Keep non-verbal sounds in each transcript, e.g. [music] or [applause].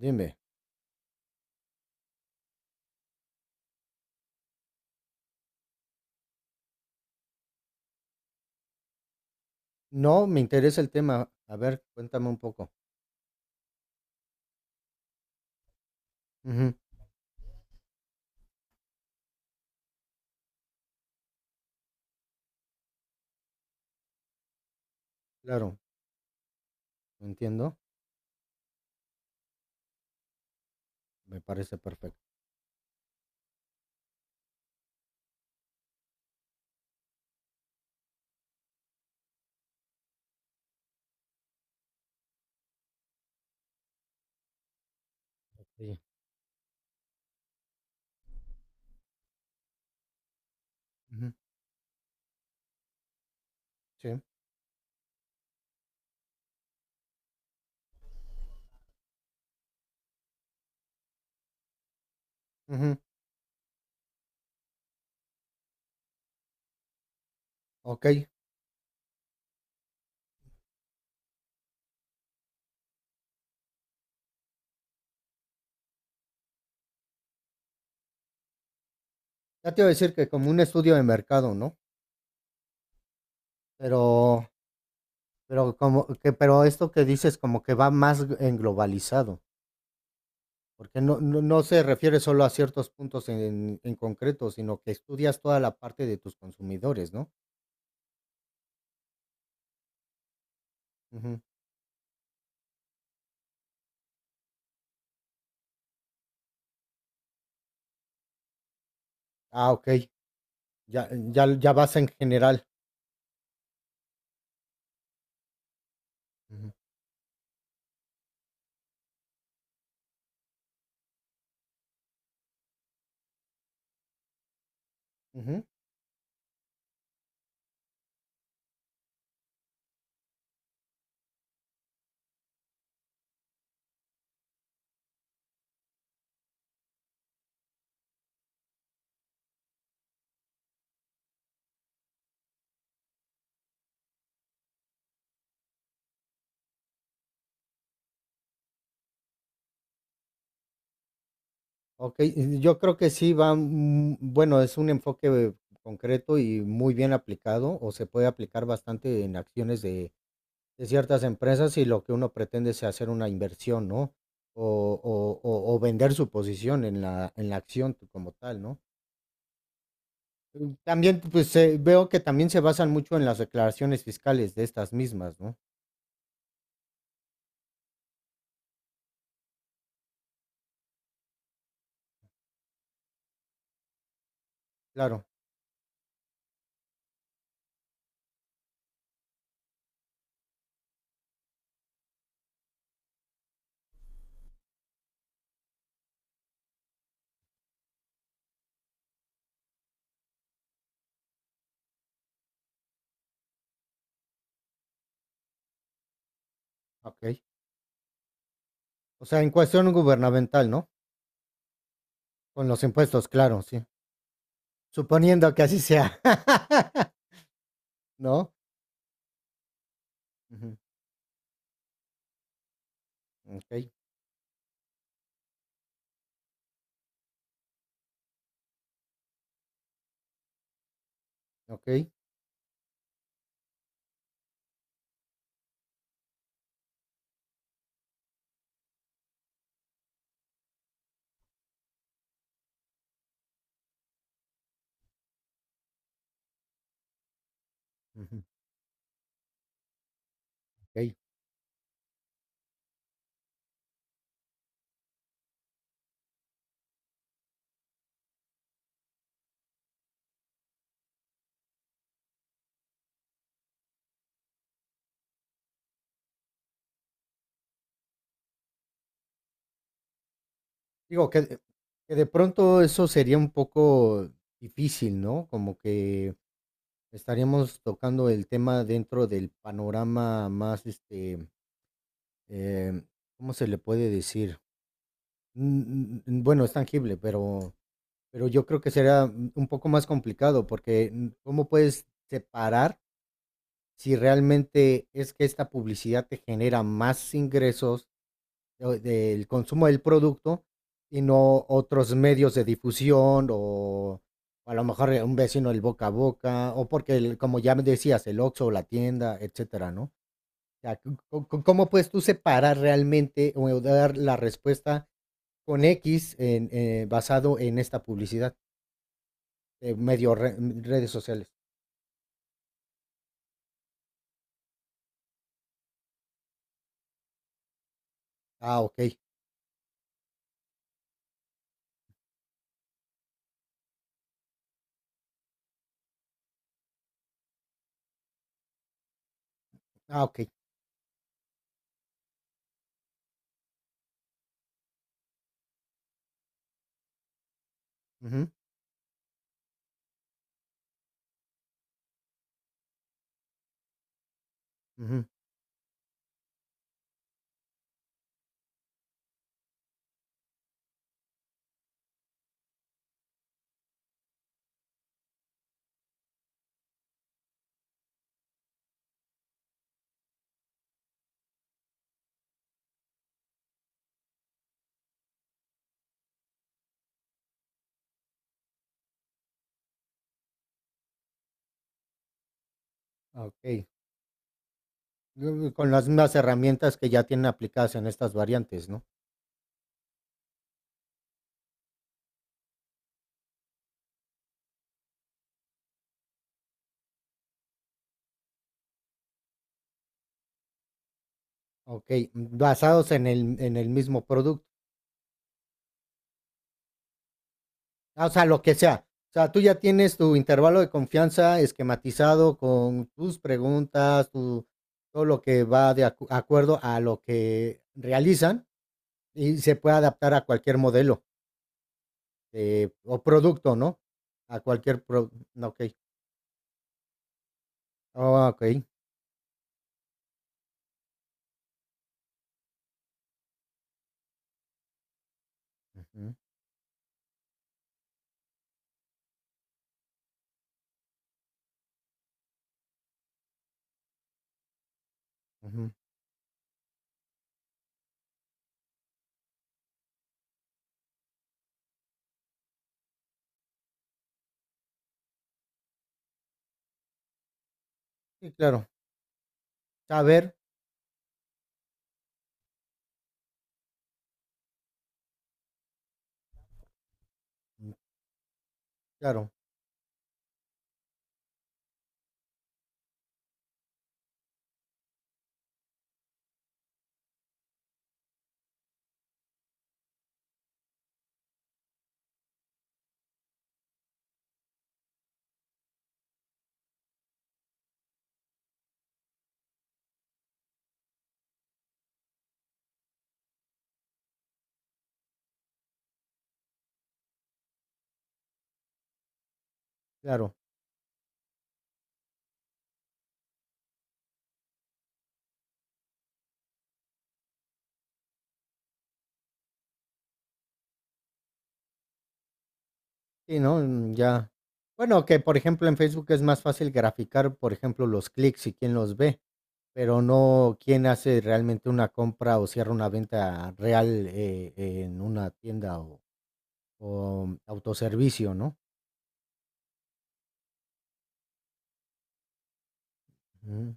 Dime. No, me interesa el tema. A ver, cuéntame un poco. Ujú, claro, lo entiendo. Me parece perfecto. Sí. Ujú, sí. Ujú, okey. Ya te iba a decir que como un estudio de mercado, ¿no? Pero como que esto que dices como que va más en globalizado, porque no se refiere solo a ciertos puntos en concreto, sino que estudias toda la parte de tus consumidores, ¿no? Ujú. Ah, okey. Ya ya vas en general. Ujú. Ujú. Ok, yo creo que sí va, bueno, es un enfoque concreto y muy bien aplicado, o se puede aplicar bastante en acciones de ciertas empresas y lo que uno pretende es hacer una inversión, ¿no? O, o vender su posición en la acción como tal, ¿no? Mm, también, pues veo que también se basan mucho en las declaraciones fiscales de estas mismas, ¿no? Claro, ok. O sea, en cuestión gubernamental, ¿no? Con los impuestos, claro, sí. Suponiendo que así sea, [laughs] ¿no? Ujú. Okey, okey, ujú, okey. Digo que de pronto eso sería un poco difícil, ¿no? Como que estaríamos tocando el tema dentro del panorama más, em, ¿cómo se le puede decir? Bueno, es tangible, pero yo creo que será un poco más complicado, porque, ¿cómo puedes separar si realmente es que esta publicidad te genera más ingresos o del consumo del producto y no otros medios de difusión o a lo mejor un vecino el boca a boca o porque, como ya me decías, el Oxxo o la tienda, etcétera, ¿no? O sea, ¿cómo puedes tú separar realmente o dar la respuesta con X en, basado en esta publicidad de redes sociales? Ah, ok. Ah, ok. Ujú, ujú, ah, ok. Mm, con las mismas herramientas que ya tienen aplicadas en estas variantes, ¿no? Ok, mm, basados en el mismo producto. Ah, o sea, lo que sea. O sea, tú ya tienes tu intervalo de confianza esquematizado con tus preguntas, tu, todo lo que va de acuerdo a lo que realizan y se puede adaptar a cualquier modelo o producto, ¿no? A cualquier Ok. Ah, ok. Ujú, ujú. Sí, claro. Saber. Mm, claro, claro. Sí, ¿no? Mm, ya. Bueno, que por ejemplo en Facebook es más fácil graficar, por ejemplo, los clics y quién los ve, pero no quién hace realmente una compra o cierra una venta real en una tienda o autoservicio, ¿no? Ujú.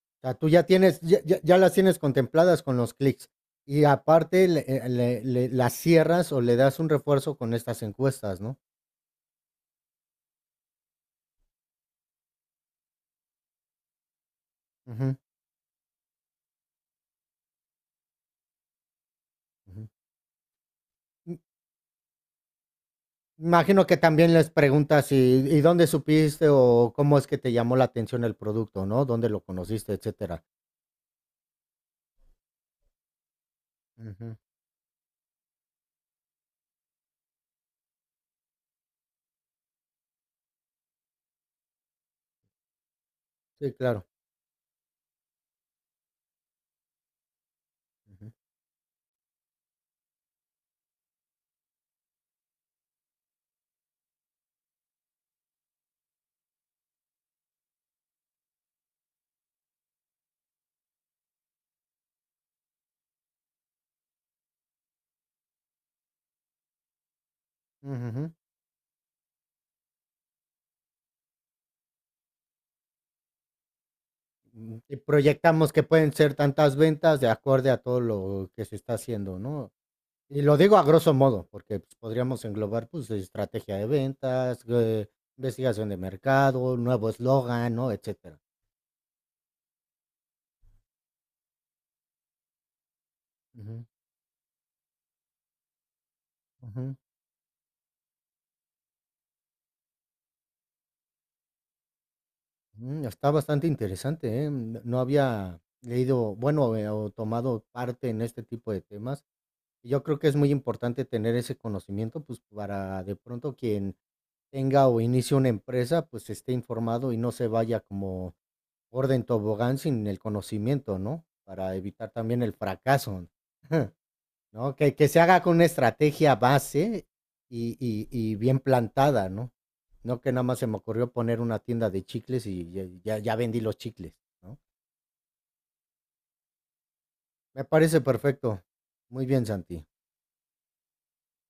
O sea, tú ya tienes, ya, ya las tienes contempladas con los clics y aparte las cierras o le das un refuerzo con estas encuestas, ¿no? Ujú, ujú. Imagino que también les preguntas, y dónde supiste o cómo es que te llamó la atención el producto, ¿no? ¿Dónde lo conociste, etcétera? Ujú, sí, claro. Ujú, ujú, ujú. Y proyectamos que pueden ser tantas ventas de acorde a todo lo que se está haciendo, ¿no? Y lo digo a grosso modo, porque pues, podríamos englobar, pues, estrategia de ventas, investigación de mercado, nuevo eslogan, ¿no? Etcétera. Ujú, ujú. Mm, está bastante interesante, ¿eh? No había leído, bueno, o tomado parte en este tipo de temas. Yo creo que es muy importante tener ese conocimiento, pues para de pronto quien tenga o inicie una empresa, pues esté informado y no se vaya como orden tobogán sin el conocimiento, ¿no? Para evitar también el fracaso. [laughs] ¿No? Que se haga con una estrategia base y bien plantada, ¿no? No que nada más se me ocurrió poner una tienda de chicles y ya, ya vendí los chicles, ¿no? Me parece perfecto. Muy bien, Santi.